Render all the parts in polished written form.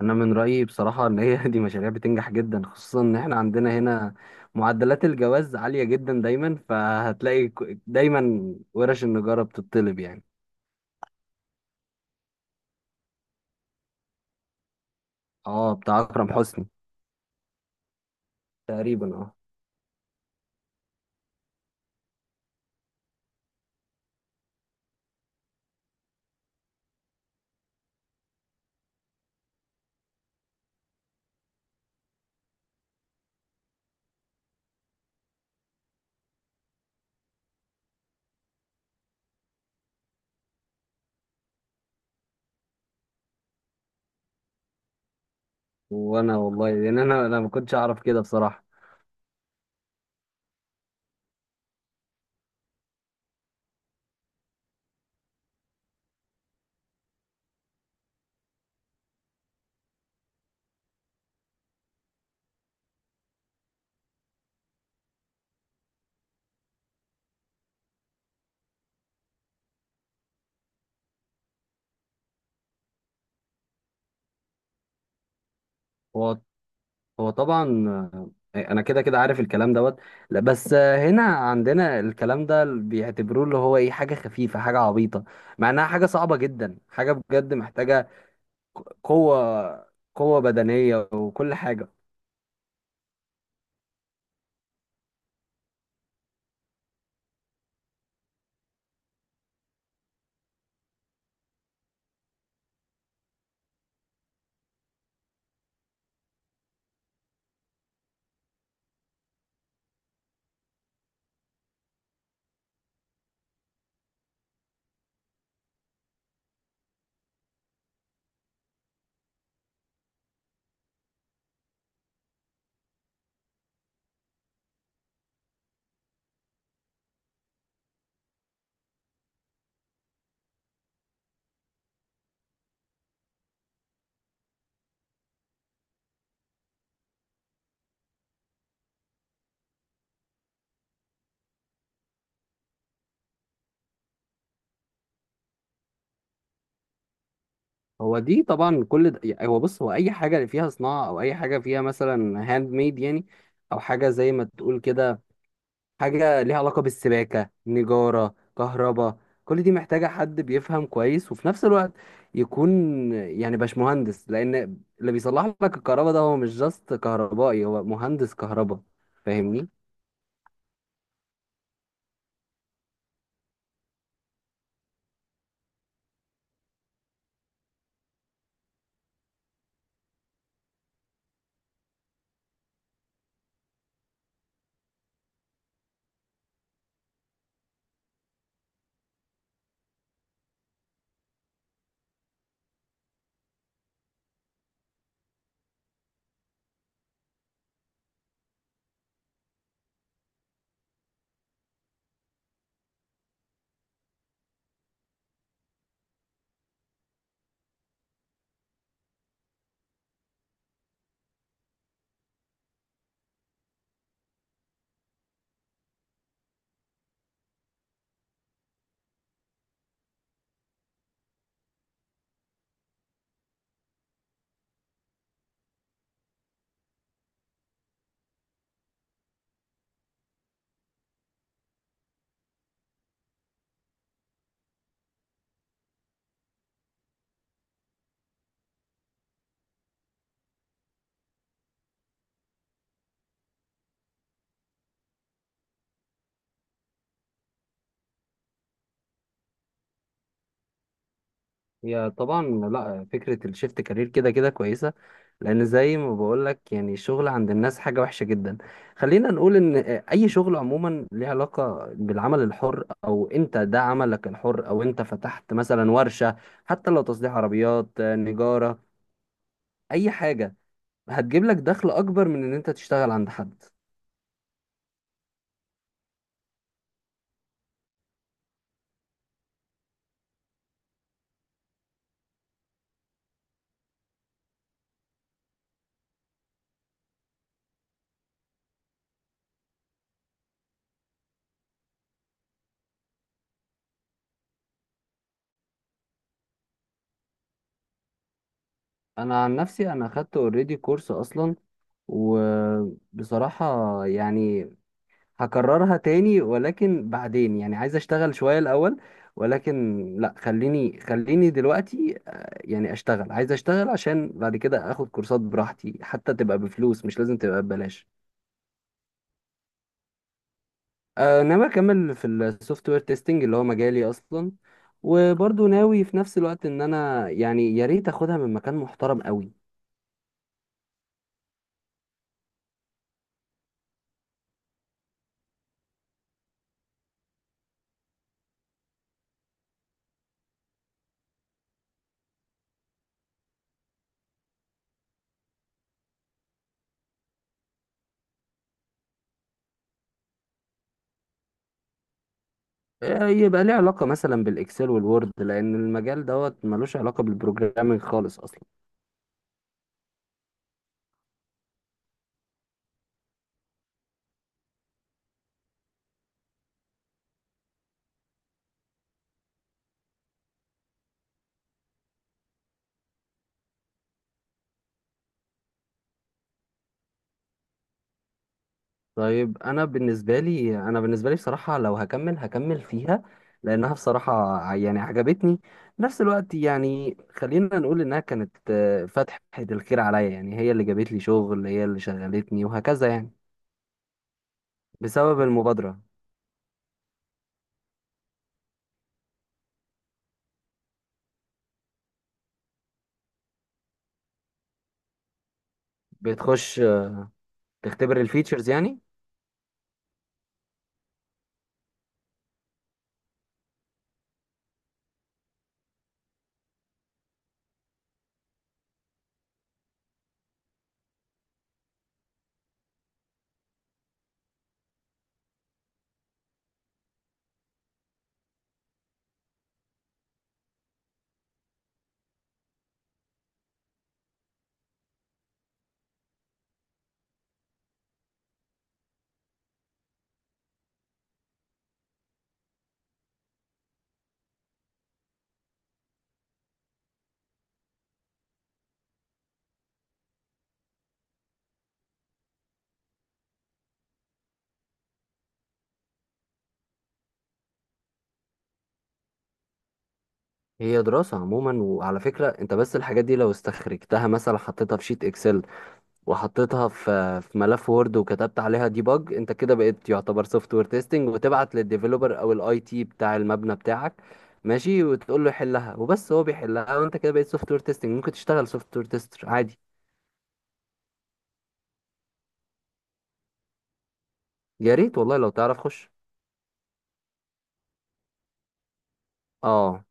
انا من رايي بصراحه ان هي دي مشاريع بتنجح جدا، خصوصا ان احنا عندنا هنا معدلات الجواز عاليه جدا دايما، فهتلاقي دايما ورش النجاره بتطلب يعني. اه، بتاع اكرم حسني. تقريبا اه. وانا والله، لان انا ما كنتش اعرف كده بصراحه. هو هو طبعا. انا كده كده عارف الكلام دوت. لا بس، هنا عندنا الكلام ده بيعتبروه اللي هو ايه، حاجه خفيفه، حاجه عبيطه، مع انها حاجه صعبه جدا، حاجه بجد محتاجه قوة، قوة بدنية وكل حاجة. هو دي طبعا كل ده، يعني هو بص، هو أي حاجة فيها صناعة أو أي حاجة فيها مثلا هاند ميد يعني، أو حاجة زي ما تقول كده، حاجة ليها علاقة بالسباكة نجارة كهرباء، كل دي محتاجة حد بيفهم كويس، وفي نفس الوقت يكون يعني باشمهندس، لأن اللي بيصلح لك الكهرباء ده هو مش جاست كهربائي، هو مهندس كهرباء. فاهمني؟ هي طبعا. لا، فكرة الشيفت كارير كده كده كويسة، لأن زي ما بقولك يعني الشغل عند الناس حاجة وحشة جدا. خلينا نقول إن أي شغل عموما ليه علاقة بالعمل الحر، أو أنت ده عملك الحر، أو أنت فتحت مثلا ورشة، حتى لو تصليح عربيات، نجارة، أي حاجة، هتجيب لك دخل أكبر من إن أنت تشتغل عند حد. أنا عن نفسي أنا خدت أوريدي كورس أصلا، وبصراحة يعني هكررها تاني، ولكن بعدين يعني عايز اشتغل شوية الاول، ولكن لا، خليني خليني دلوقتي يعني اشتغل، عايز اشتغل، عشان بعد كده اخد كورسات براحتي، حتى تبقى بفلوس، مش لازم تبقى ببلاش. ناوي اكمل في السوفت وير تيستنج، اللي هو مجالي اصلا، وبرضه ناوي في نفس الوقت ان انا يعني يا ريت اخدها من مكان محترم قوي. يبقى ليه علاقة مثلا بالاكسل والوورد، لان المجال دوت ملوش علاقة بالبروجرامينج خالص اصلا. طيب، انا بالنسبه لي بصراحه لو هكمل هكمل فيها، لانها بصراحه يعني عجبتني. في نفس الوقت يعني خلينا نقول انها كانت فتحه الخير عليا، يعني هي اللي جابت لي شغل، هي اللي شغلتني وهكذا يعني، بسبب المبادره. بتخش تختبر الفيتشرز يعني. هي دراسه عموما. وعلى فكره، انت بس الحاجات دي لو استخرجتها مثلا، حطيتها في شيت اكسل، وحطيتها في ملف وورد، وكتبت عليها ديباج، انت كده بقيت يعتبر سوفت وير تيستنج، وتبعت للديفلوبر او الاي تي بتاع المبنى بتاعك، ماشي، وتقول له يحلها وبس، هو بيحلها، وانت كده بقيت سوفت وير تيستنج، ممكن تشتغل سوفت وير تيستر عادي. يا ريت والله لو تعرف خش. اه.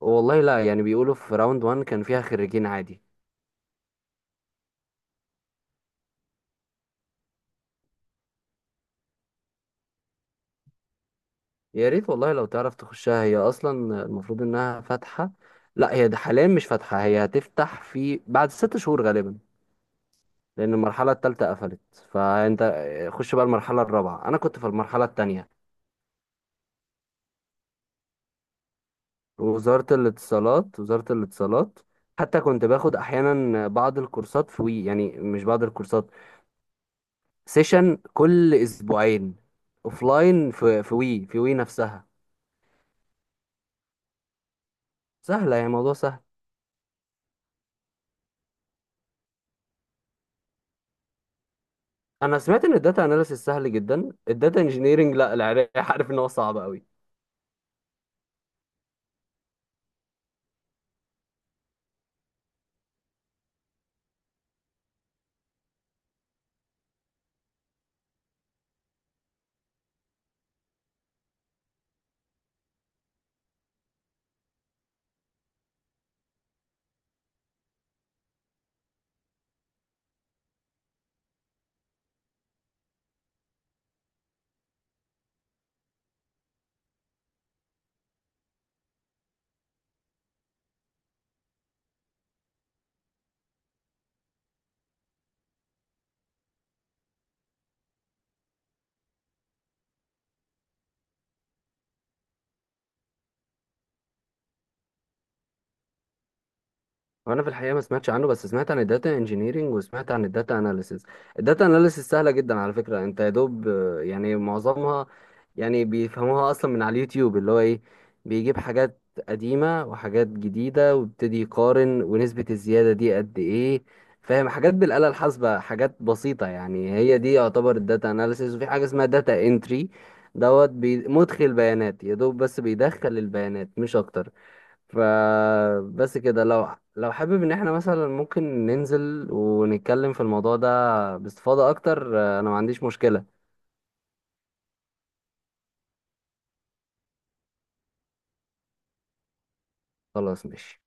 والله لا، يعني بيقولوا في راوند 1 كان فيها خريجين عادي. يا ريت والله لو تعرف تخشها، هي اصلا المفروض انها فاتحة. لا، هي ده حاليا مش فاتحة، هي هتفتح في بعد 6 شهور غالبا، لان المرحله الثالثه قفلت. فانت خش بقى المرحله الرابعه، انا كنت في المرحله الثانيه. وزاره الاتصالات، وزاره الاتصالات. حتى كنت باخد احيانا بعض الكورسات في وي، يعني مش بعض الكورسات، سيشن كل اسبوعين، اوفلاين، في وي، في وي نفسها. سهله يعني، الموضوع سهل. انا سمعت ان الداتا اناليسيس سهل جدا. الداتا انجينيرنج لا، العراق عارف ان هو صعب قوي. وانا في الحقيقه ما سمعتش عنه، بس سمعت عن الداتا انجينيرنج وسمعت عن الداتا اناليسيس. الداتا اناليسيس سهله جدا على فكره، انت يا دوب يعني معظمها، يعني بيفهموها اصلا من على اليوتيوب، اللي هو ايه، بيجيب حاجات قديمه وحاجات جديده ويبتدي يقارن ونسبه الزياده دي قد ايه، فاهم، حاجات بالاله الحاسبه، حاجات بسيطه يعني. هي دي يعتبر الداتا اناليسيس. وفي حاجه اسمها داتا انتري دوت مدخل بيانات يا دوب، بس بيدخل البيانات مش اكتر. فبس كده، لو حابب ان احنا مثلا ممكن ننزل ونتكلم في الموضوع ده باستفاضة اكتر، انا ما عنديش مشكلة. خلاص ماشي.